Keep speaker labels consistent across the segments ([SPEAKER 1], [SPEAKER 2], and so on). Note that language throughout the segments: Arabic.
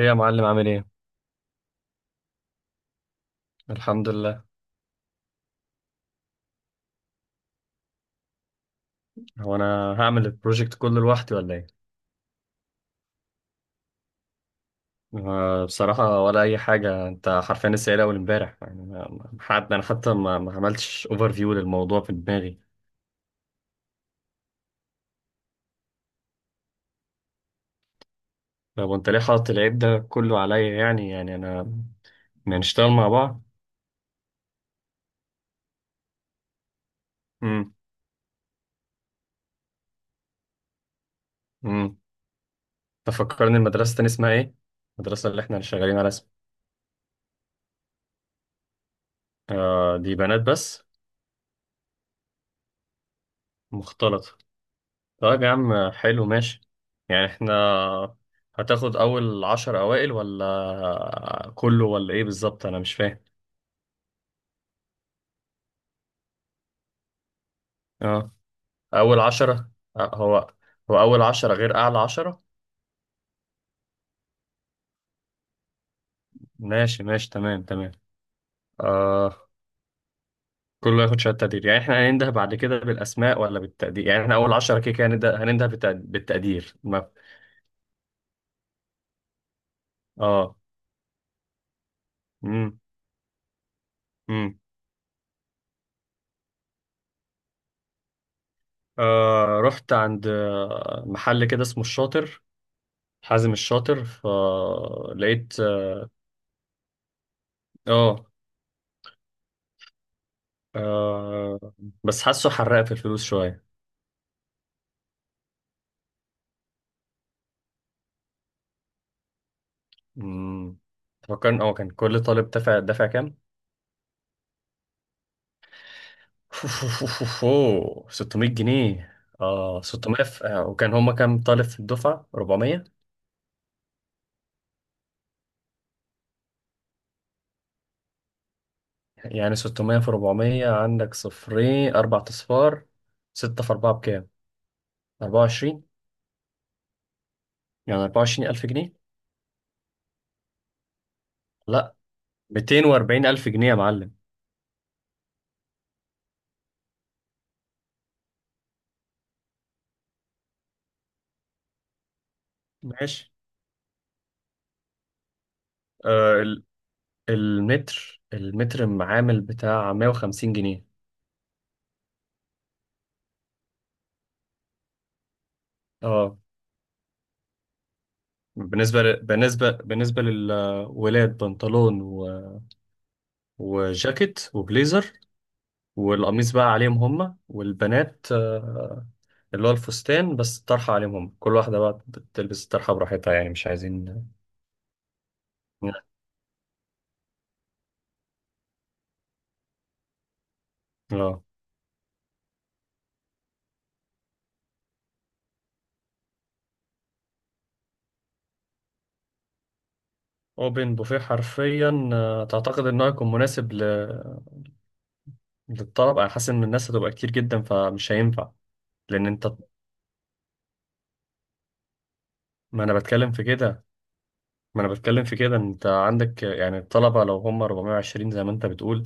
[SPEAKER 1] ايه يا معلم عامل ايه؟ الحمد لله. هو انا هعمل البروجكت كله لوحدي ولا ايه؟ آه، بصراحة ولا أي حاجة، أنت حرفيا لسه قايل أول إمبارح، يعني أنا حتى ما عملتش أوفر فيو للموضوع في دماغي. طب وأنت ليه حاطط العيب ده كله عليا، يعني أنا ما نشتغل مع بعض؟ امم. امم. تفكرني المدرسة تاني اسمها ايه؟ المدرسة اللي احنا شغالين على اسمها. آه دي بنات بس. مختلطة. طيب يا عم، حلو ماشي. يعني احنا هتاخد اول عشر اوائل ولا كله ولا ايه بالظبط؟ انا مش فاهم. اه. اول عشرة. آه، هو هو اول عشرة غير اعلى عشرة؟ ماشي ماشي، تمام تمام. آه. كله ياخد شهادة تقدير، يعني احنا هننده بعد كده بالاسماء ولا بالتقدير؟ يعني احنا اول عشرة كده كده هننده بالتقدير ما. اه. امم. امم. آه رحت عند آه، محل كده اسمه الشاطر، حازم الشاطر، فلقيت. اه. آه، بس حاسه حرق في الفلوس شوية. مم. فكان اه، كان كل طالب دفع كام؟ أوه، 600 جنيه. اه 600 في... آه، وكان هما كام طالب في الدفعة؟ 400. يعني 600 في 400، عندك صفرين، أربع أصفار. ستة في أربعة بكام؟ 24. يعني 24000 ألف جنيه؟ لا، 240 ألف جنيه يا معلم. ماشي. آه المتر معامل بتاع 150 جنيه. اه. بالنسبة ل... بالنسبة بالنسبة للولاد بنطلون و... وجاكيت وبليزر، والقميص بقى عليهم هما. والبنات آه، اللي هو الفستان، بس الطرحة عليهم هما، كل واحدة بقى بتلبس الطرحة براحتها، يعني مش عايزين. لا، اوبن بوفيه حرفيا. آه، تعتقد انه هيكون مناسب ل... للطلب؟ انا حاسس ان الناس هتبقى كتير جدا فمش هينفع. لان انت، ما انا بتكلم في كده، ما انا بتكلم في كده. انت عندك يعني الطلبه لو هم 420 زي ما انت بتقول،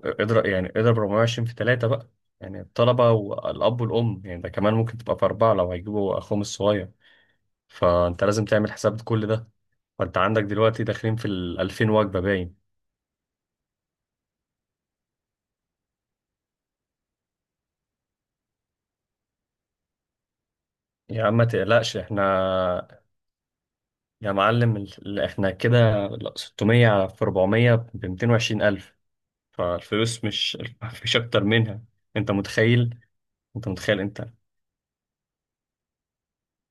[SPEAKER 1] اضرب يعني اضرب 420 في ثلاثه بقى، يعني الطلبه والاب والام، يعني ده كمان ممكن تبقى في اربعه لو هيجيبوا اخوهم الصغير، فانت لازم تعمل حساب كل ده. فانت عندك دلوقتي داخلين في ال 2000 وجبه باين. يا عم ما تقلقش، احنا يا معلم ال- احنا كده 600 في 400 ب 220 الف، فالفلوس مش، مفيش اكتر منها. انت متخيل انت متخيل.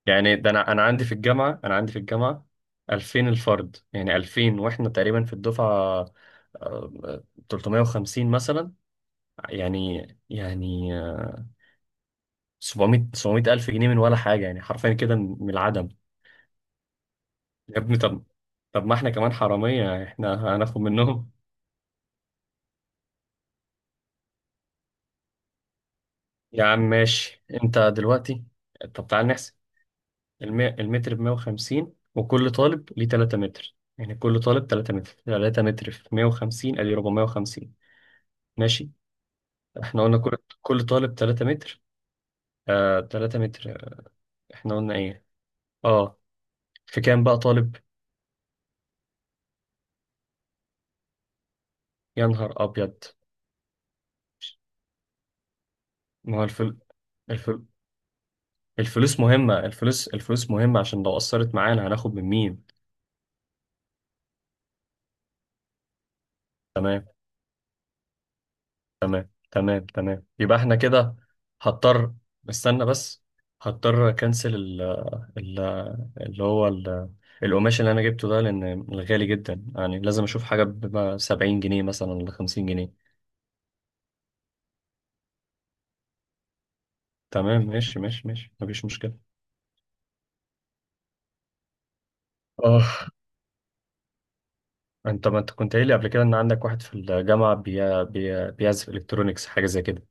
[SPEAKER 1] يعني ده انا عندي في الجامعه 2000 الفرد، يعني 2000 واحنا تقريبا في الدفعه آه، 350 مثلا. يعني آه، 700 الف جنيه من ولا حاجه، يعني حرفيا كده من العدم. يا ابني طب، طب ما احنا كمان حراميه، احنا هناخد منهم. يا عم ماشي، انت دلوقتي طب تعال نحسب. الم- المتر ب 150 وكل طالب ليه 3 متر، يعني كل طالب 3 متر، 3 متر في 150 ادي 450. ماشي. احنا قلنا كل طالب 3 متر. آه 3 متر. احنا قلنا ايه؟ اه. في كام بقى طالب؟ يا نهار ابيض. ما هو الفل... الفل... الفلوس مهمة، الفلوس الفلوس مهمة عشان لو أثرت معانا هناخد من مين؟ تمام. تمام تمام تمام. يبقى احنا كده هضطر، استنى بس، هضطر اكنسل ال... ال... اللي هو ال... القماش اللي انا جبته ده، لان غالي جدا، يعني لازم اشوف حاجة ب 70 جنيه مثلا ولا 50 جنيه. تمام ماشي ماشي ماشي، مفيش مشكلة. اه، ما انت كنت قايل لي قبل كده ان عندك واحد في الجامعه بيعزف الكترونيكس، حاجه زي كده.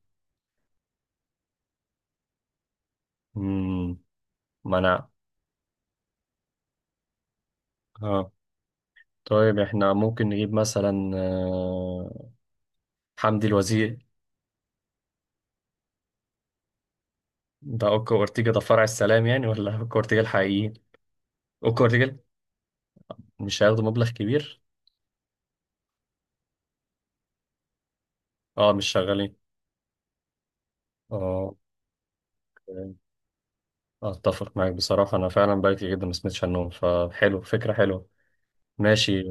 [SPEAKER 1] امم. ما انا. اه. طيب احنا ممكن نجيب مثلا آه، حمدي الوزير. ده اوكا اورتيجا ده فرع السلام يعني ولا اوكا اورتيجا الحقيقيين؟ اوكا اورتيجا. مش هياخدوا مبلغ كبير. اه، مش شغالين. اه. أوكي. اتفق معاك بصراحه، انا فعلا بقالي كتير جدا ما سمعتش عنهم، فحلو فكره حلوه. ماشي.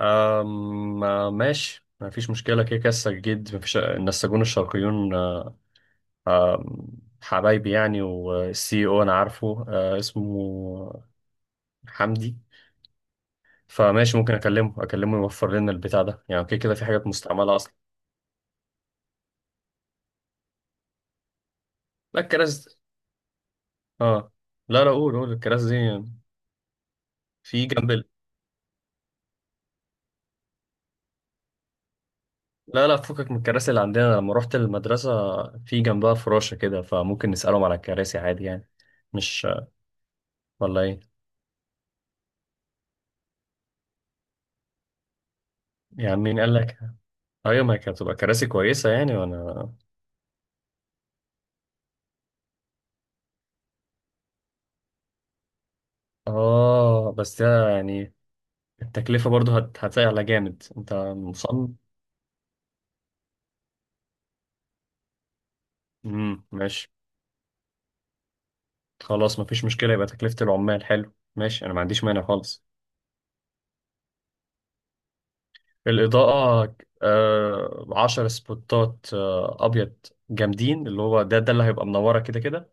[SPEAKER 1] أم آه، ماشي ما فيش مشكلة، كده كده السجاد ما فيش، النساجون الشرقيون حبايبي يعني. والسي او انا عارفه آه، اسمه حمدي. فماشي، ممكن اكلمه يوفر لنا البتاع ده، يعني اوكي كده في حاجات مستعمله اصلا. لا الكراسي. اه. لا لا، قول قول الكراسي دي. في جنب ال-. لا لا، فكك من الكراسي اللي عندنا، لما رحت المدرسه في جنبها فراشه كده، فممكن نسالهم على الكراسي عادي يعني، مش ولا ايه يعني؟ مين قال لك؟ ايوه ما هي كانت هتبقى كراسي كويسه يعني، وانا اه، بس ده يعني التكلفة برضو هتعلى جامد. انت مصمم؟ ماشي. خلاص مفيش مشكلة، يبقى تكلفة العمال، حلو ماشي، انا ما عنديش مانع خالص. الإضاءة. آه، عشر سبوتات آه، أبيض جامدين، اللي هو ده ده اللي هيبقى منورة كده كده.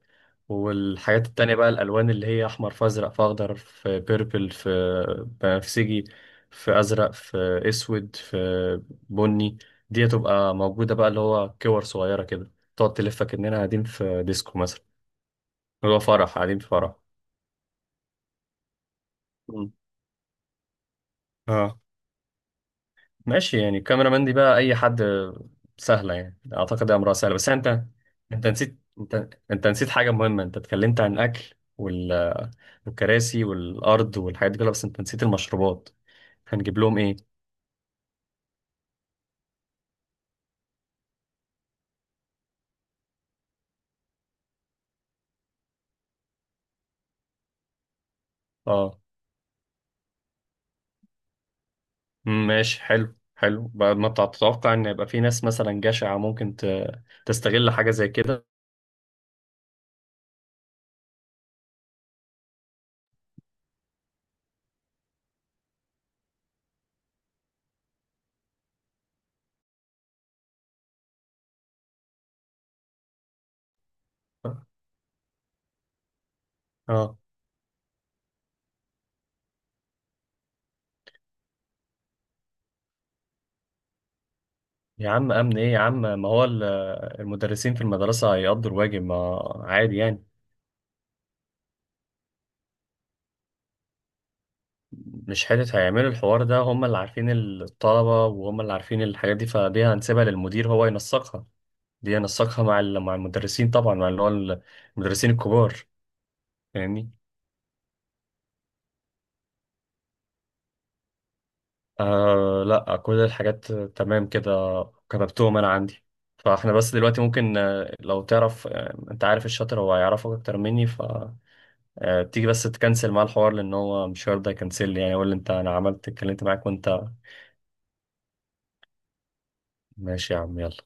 [SPEAKER 1] والحاجات التانية بقى الألوان، اللي هي أحمر في أزرق في أخضر في بيربل في بنفسجي في أزرق في أسود في بني، دي هتبقى موجودة بقى، اللي هو كور صغيرة كده تقعد تلفك إننا قاعدين في ديسكو مثلا، هو فرح، قاعدين في فرح. مم. اه ماشي، يعني الكاميرا مان دي بقى اي حد، سهله يعني اعتقد ده امرها سهله. بس انت نسيت، انت نسيت حاجه مهمه، انت اتكلمت عن الاكل وال... والكراسي والارض والحاجات دي كلها، بس انت نسيت المشروبات، هنجيب لهم ايه؟ اه. مم، ماشي حلو حلو. بعد ما تتوقع ان يبقى في ناس مثلا جشعه ممكن تستغل حاجه زي كده. اه. يا عم امن ايه يا عم؟ ما هو ال- المدرسين في المدرسه هيقضوا الواجب، ما عادي يعني. مش حتة هيعملوا الحوار ده، هم اللي عارفين الطلبة وهم اللي عارفين الحاجات دي، فدي هنسيبها للمدير هو ينسقها، دي ينسقها مع ال- مع المدرسين طبعا، مع اللي هو المدرسين الكبار. فاهمني. آه لا، كل الحاجات تمام كده، كتبتهم انا عندي. فاحنا بس دلوقتي ممكن آه، لو تعرف آه، انت عارف الشاطر هو هيعرفك اكتر مني، ف آه، تيجي بس تكنسل معاه الحوار، لان هو مش هيرضى يكنسل لي، يعني يقول لي انت انا عملت اتكلمت معاك وانت. ماشي يا عم، يلا.